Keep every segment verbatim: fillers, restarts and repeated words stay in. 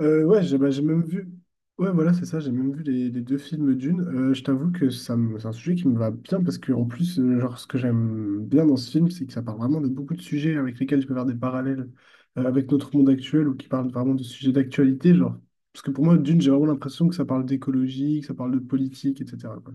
Euh, ouais, j'ai bah, j'ai même vu. Ouais, voilà, c'est ça, j'ai même vu les, les deux films Dune. Euh, je t'avoue que ça me- c'est un sujet qui me va bien parce que, en plus, euh, genre, ce que j'aime bien dans ce film, c'est que ça parle vraiment de beaucoup de sujets avec lesquels je peux faire des parallèles euh, avec notre monde actuel ou qui parle vraiment de sujets d'actualité, genre. Parce que pour moi, Dune, j'ai vraiment l'impression que ça parle d'écologie, que ça parle de politique, et cetera, quoi.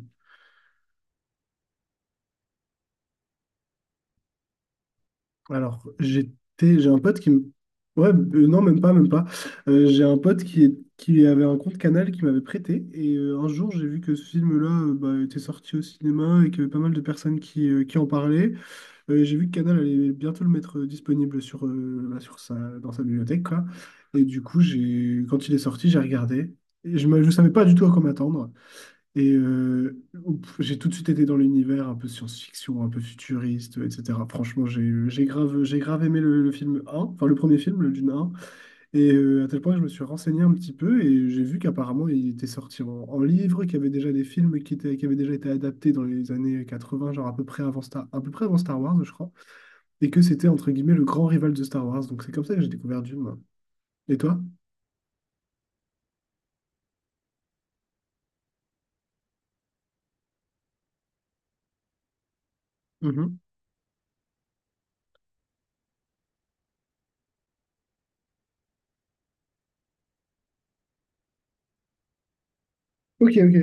Alors, j'étais, j'ai un pote qui me... Ouais, euh, non, même pas, même pas. Euh, j'ai un pote qui, est- qui avait un compte Canal qui m'avait prêté. Et euh, un jour, j'ai vu que ce film-là euh, bah, était sorti au cinéma et qu'il y avait pas mal de personnes qui, euh, qui en parlaient. Euh, j'ai vu que Canal allait bientôt le mettre euh, disponible sur, euh, bah, sur sa, dans sa bibliothèque, quoi. Et du coup, j'ai, quand il est sorti, j'ai regardé. Et je ne savais pas du tout à quoi m'attendre. Et euh, ouf, j'ai tout de suite été dans l'univers un peu science-fiction, un peu futuriste, et cetera. Franchement, j'ai j'ai grave, j'ai grave aimé le, le film un, enfin le premier film, le Dune un. Et euh, à tel point que je me suis renseigné un petit peu et j'ai vu qu'apparemment il était sorti en, en livre, qu'il y avait déjà des films qui, étaient, qui avaient déjà été adaptés dans les années quatre-vingts, genre à peu près avant Star, à peu près avant Star Wars, je crois. Et que c'était entre guillemets le grand rival de Star Wars. Donc c'est comme ça que j'ai découvert Dune, moi. Et toi? Mhm. Ok, ok.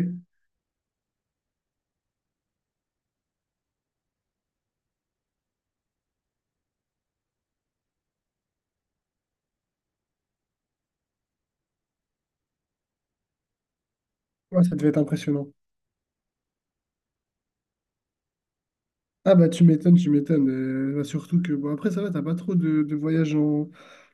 Ouais, ça devait être impressionnant. Ah bah, tu m'étonnes, tu m'étonnes. Euh, bah, surtout que, bon, après ça va, t'as pas trop de, de voyages en,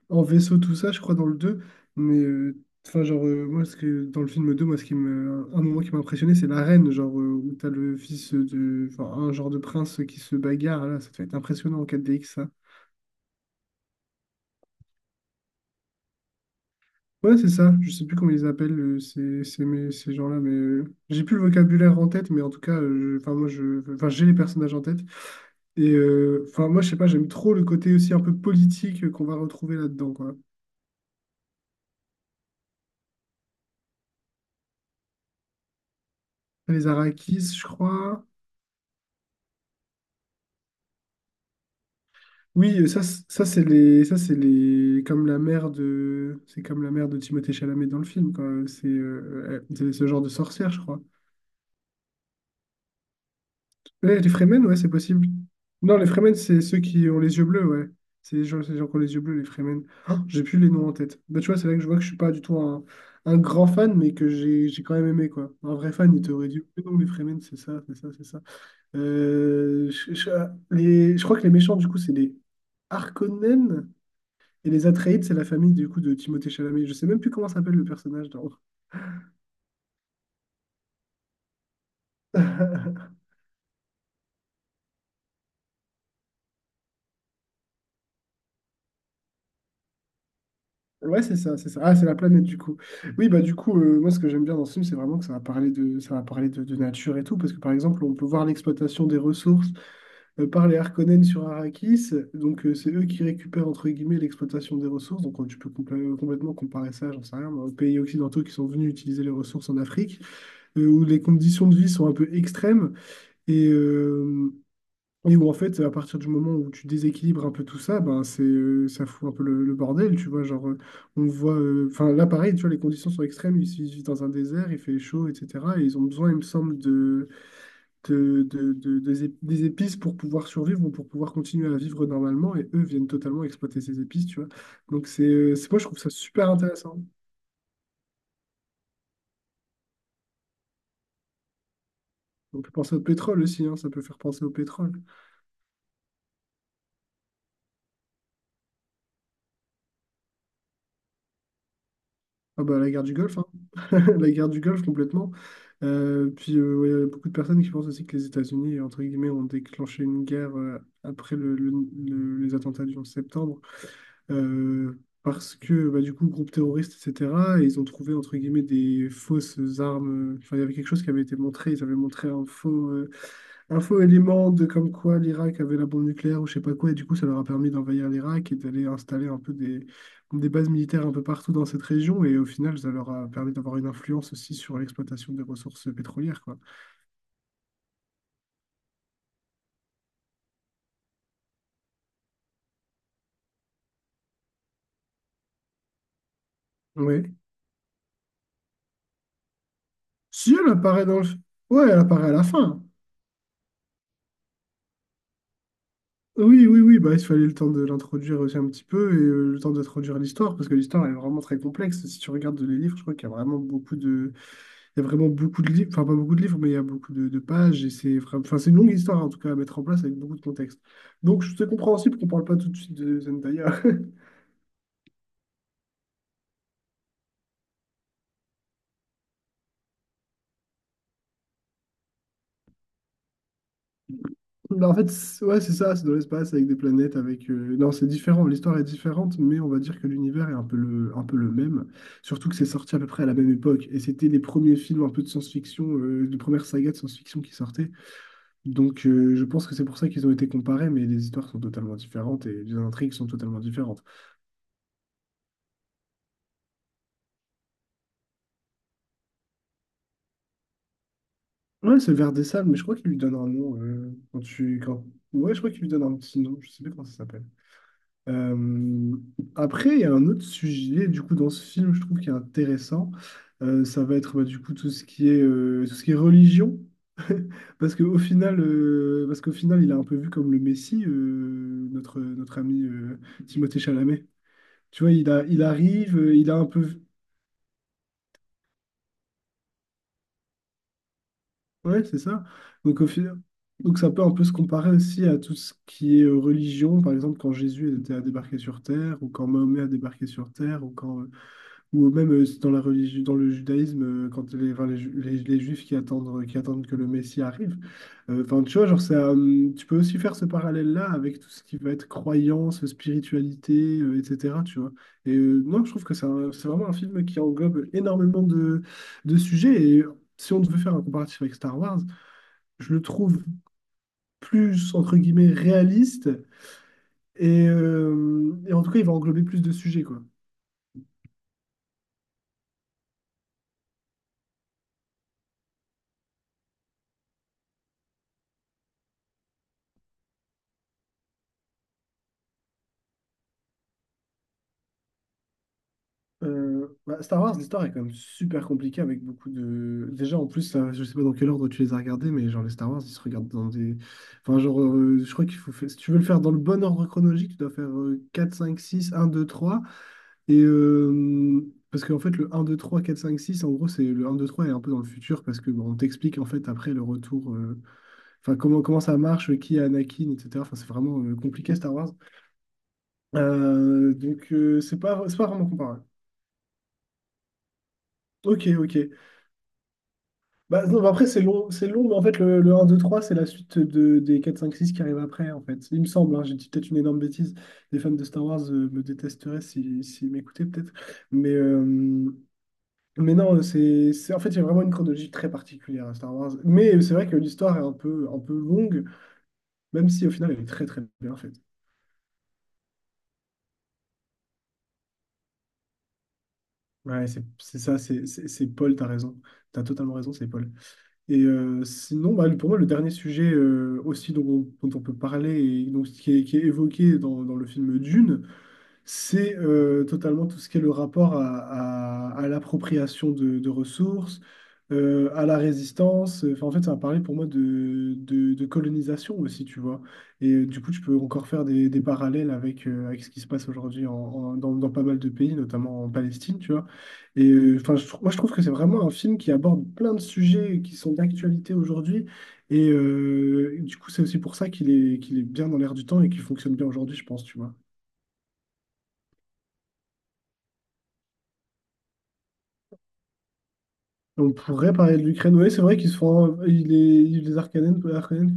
en vaisseau, tout ça, je crois, dans le deux. Mais, euh, enfin genre, euh, moi, ce que, dans le film deux, moi, ce qui me, un moment qui m'a impressionné, c'est l'arène, genre, euh, où t'as le fils de, enfin, un genre de prince qui se bagarre, là, ça devait être impressionnant en quatre D X, ça. Ouais, c'est ça. Je sais plus comment ils appellent euh, ces, ces, mais- ces gens-là, mais euh, j'ai plus le vocabulaire en tête, mais en tout cas, euh, je- enfin moi, je, enfin j'ai les personnages en tête. Et euh, enfin moi, je sais pas, j'aime trop le côté aussi un peu politique euh, qu'on va retrouver là-dedans, quoi. Les Arrakis, je crois. Oui, euh, ça, c- ça c'est les, ça c'est les, comme la mère de, c'est comme la mère de Timothée Chalamet dans le film, quoi. C'est euh, elle- c'est ce genre de sorcière, je crois. Les, les Fremen, ouais, c'est possible. Non, les Fremen, c'est ceux qui ont les yeux bleus, ouais. C'est les gens, c'est les gens qui ont les yeux bleus, les Fremen. Oh, j'ai plus les noms en tête. Bah, tu vois, c'est là que je vois que je suis pas du tout un, un grand fan, mais que j'ai j'ai quand même aimé, quoi. Un vrai fan, il t'aurait dit, non, les Fremen, c'est ça, c'est ça, c'est ça. Euh, je, je- les, je crois que les méchants, du coup, c'est les Harkonnen, et les Atreides, c'est la famille, du coup, de Timothée Chalamet. Je sais même plus comment s'appelle le personnage, dans... Ouais, c'est ça, c'est ça. Ah, c'est la planète, du coup. Oui, bah du coup, euh, moi ce que j'aime bien dans ce film, c'est vraiment que ça va parler de, ça va parler de, de nature et tout, parce que par exemple, on peut voir l'exploitation des ressources euh, par les Harkonnen sur Arrakis. Donc euh, c'est eux qui récupèrent entre guillemets l'exploitation des ressources. Donc euh, tu peux compl- complètement comparer ça, j'en sais rien, moi, aux pays occidentaux qui sont venus utiliser les ressources en Afrique, euh, où les conditions de vie sont un peu extrêmes. Et, euh, et où en fait, à partir du moment où tu déséquilibres un peu tout ça, ben c'est euh, ça fout un peu le, le bordel, tu vois. Genre, euh, on voit, euh, enfin là pareil, tu vois, les conditions sont extrêmes. Ils ils vivent dans un désert, il fait chaud, et cetera. Et ils ont besoin, il me semble, de, de, de- de- des ép- des épices pour pouvoir survivre ou pour pouvoir continuer à vivre normalement. Et eux viennent totalement exploiter ces épices, tu vois. Donc c'est, euh, c'est moi, je trouve ça super intéressant. On peut penser au pétrole aussi, hein, ça peut faire penser au pétrole. Ah bah, la guerre du Golfe, hein. La guerre du Golfe complètement. Euh, puis euh, ouais, il y a beaucoup de personnes qui pensent aussi que les États-Unis, entre guillemets, ont déclenché une guerre euh, après le- le- le- les attentats du onze septembre, euh, parce que bah, du coup, groupe terroriste, et cetera. Et ils ont trouvé entre guillemets des fausses armes. euh, Enfin, il y avait quelque chose qui avait été montré. Ils avaient montré un faux, euh, un faux élément de comme quoi l'Irak avait la bombe nucléaire ou je sais pas quoi. Et du coup, ça leur a permis d'envahir l'Irak et d'aller installer un peu des, des bases militaires un peu partout dans cette région. Et au final, ça leur a permis d'avoir une influence aussi sur l'exploitation des ressources pétrolières, quoi. Oui. Si elle apparaît dans le... Ouais, elle apparaît à la fin. Oui, oui, oui, bah, il fallait le temps de l'introduire aussi un petit peu et euh, le temps d'introduire l'histoire, parce que l'histoire est vraiment très complexe. Si tu regardes les livres, je crois qu'il y a vraiment beaucoup de, il y a vraiment beaucoup de livres, enfin pas beaucoup de livres, mais il y a beaucoup de, de pages et c'est vraiment- enfin, c'est une longue histoire en tout cas à mettre en place avec beaucoup de contexte. Donc c'est compréhensible qu'on parle pas tout de suite de Zendaya. Bah, en fait, c'est- ouais, c'est ça, c'est dans l'espace avec des planètes, avec... euh, Non, c'est différent, l'histoire est différente, mais on va dire que l'univers est un peu le, un peu le même. Surtout que c'est sorti à peu près à la même époque, et c'était les premiers films un peu de science-fiction, euh, les premières sagas de science-fiction qui sortaient. Donc euh, je pense que c'est pour ça qu'ils ont été comparés, mais les histoires sont totalement différentes et les intrigues sont totalement différentes. Ouais, c'est vers des Sables, mais je crois qu'il lui donne un nom euh, quand tu... Quand... Ouais, je crois qu'il lui donne un petit nom, je sais plus comment ça s'appelle. Euh, après, il y a un autre sujet du coup dans ce film, je trouve qui est intéressant. Euh, ça va être bah, du coup tout ce qui est euh, tout ce qui est religion, parce qu'au final, euh, parce qu'au final, il est un peu vu comme le Messie, euh, notre notre ami euh, Timothée Chalamet. Tu vois, il a, il arrive, euh, il a un peu, ouais, c'est ça. Donc au final, donc ça peut un peu se comparer aussi à tout ce qui est euh, religion, par exemple quand Jésus était à débarquer sur Terre, ou quand Mahomet a débarqué sur Terre, ou quand... Ou même euh, dans la religion, dans le judaïsme, euh, quand les, enfin, les, ju- les- les juifs qui attendent, euh, qui attendent que le Messie arrive. Euh, Enfin, tu vois, genre, ça, hum, tu peux aussi faire ce parallèle-là avec tout ce qui va être croyance, spiritualité, euh, et cetera. Tu vois. Et euh, non, je trouve que c'est un- c'est vraiment un film qui englobe énormément de, de sujets. Et si on devait faire un comparatif avec Star Wars, je le trouve plus, entre guillemets, réaliste. Et, euh, et en tout cas, il va englober plus de sujets, quoi. Euh, bah, Star Wars, l'histoire est quand même super compliquée avec beaucoup de. Déjà, en plus, euh, je sais pas dans quel ordre tu les as regardés, mais genre les Star Wars, ils se regardent dans des. Enfin, genre, euh, je crois qu'il faut faire. Si tu veux le faire dans le bon ordre chronologique, tu dois faire euh, quatre, cinq, six, un, deux, trois. Et. euh, parce qu'en fait, le un, deux, trois, quatre, cinq, six, en gros, c'est le un, deux, trois est un peu dans le futur parce que bon, on t'explique en fait après le retour, euh, enfin comment, comment ça marche, euh, qui est Anakin, et cetera. Enfin, c'est vraiment euh, compliqué Star Wars. Euh, donc, euh, c'est pas, c'est pas vraiment comparable. Ok, ok. Bah non, bah après, c'est long, c'est long, mais en fait, le, le un, deux, trois, c'est la suite de, des quatre cinq six qui arrivent après, en fait. Il me semble, hein, j'ai dit peut-être une énorme bêtise. Les fans de Star Wars euh, me détesteraient si, s'ils m'écoutaient, peut-être. Mais, euh, mais non, c'est, c'est, en fait, il y a vraiment une chronologie très particulière à Star Wars. Mais c'est vrai que l'histoire est un peu, un peu longue, même si au final, elle est très, très bien faite. Ouais, c'est c'est ça, c'est c'est- c'est Paul, t'as raison. T'as totalement raison, c'est Paul. Et euh, sinon, bah, pour moi, le dernier sujet euh, aussi dont, dont on peut parler, et donc, qui est, qui est évoqué dans, dans le film Dune, c'est euh, totalement tout ce qui est le rapport à, à- à l'appropriation de, de ressources, euh, à la résistance. Enfin, en fait, ça va parler pour moi de, de- de colonisation aussi, tu vois. Et euh, du coup, tu peux encore faire des, des parallèles avec, euh, avec ce qui se passe aujourd'hui en- en- dans, dans pas mal de pays, notamment en Palestine, tu vois. Et euh, enfin, je trou- moi, je trouve que c'est vraiment un film qui aborde plein de sujets qui sont d'actualité aujourd'hui. Et euh, du coup, c'est aussi pour ça qu'il est, qu'il est bien dans l'air du temps et qu'il fonctionne bien aujourd'hui, je pense, tu vois. On pourrait parler de l'Ukraine. Oui, c'est vrai qu'ils se font. Il est... il- Les Arcanènes. Arcanènes.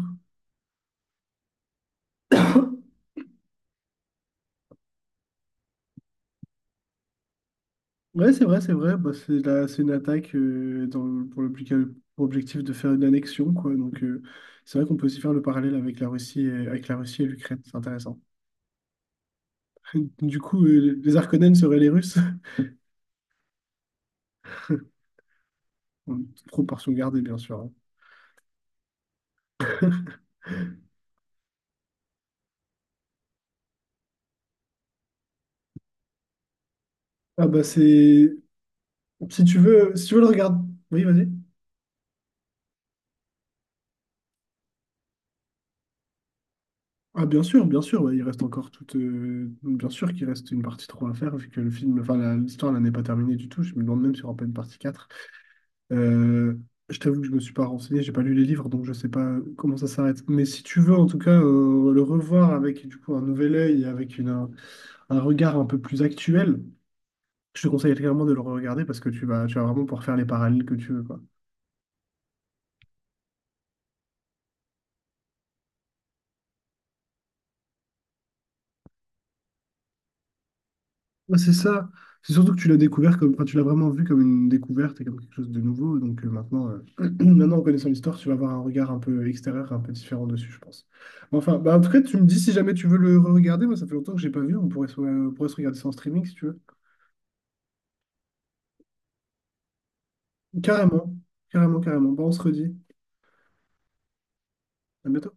Ouais, c'est vrai, c'est vrai. Bah, c'est la... c'est une attaque euh, dans le- pour l'objectif pour objectif de faire une annexion, quoi. Donc, euh, c'est vrai qu'on peut aussi faire le parallèle avec la Russie et, avec la Russie et l'Ukraine. C'est intéressant. Du coup, euh, les Arcanènes seraient les Russes. En toute proportion gardée, bien sûr, hein. Ah, bah, c'est. Si tu veux, si tu veux le regarder. Oui, vas-y. Ah bien sûr, bien sûr, ouais, il reste encore toute, euh, bien sûr qu'il reste une partie trois à faire, vu que le film, enfin la- l'histoire là n'est pas terminée du tout. Je me demande même s'il n'y aura pas une partie quatre. Euh, je t'avoue que je me suis pas renseigné, j'ai pas lu les livres, donc je sais pas comment ça s'arrête. Mais si tu veux en tout cas euh, le revoir avec du coup un nouvel œil et avec une, un, un regard un peu plus actuel, je te conseille clairement de le regarder parce que tu vas, tu vas vraiment pouvoir faire les parallèles que tu veux, quoi. Ouais, c'est ça. C'est surtout que tu l'as découvert comme, enfin, tu l'as vraiment vu comme une découverte et comme quelque chose de nouveau. Donc euh, maintenant, euh, maintenant, en connaissant l'histoire, tu vas avoir un regard un peu extérieur, un peu différent dessus, je pense. Mais enfin, bah, en tout cas, tu me dis si jamais tu veux le regarder. Moi, ça fait longtemps que j'ai pas vu. On pourrait se, on pourrait se regarder ça en streaming si tu veux. Carrément, carrément, carrément. Bah, on se redit. À bientôt.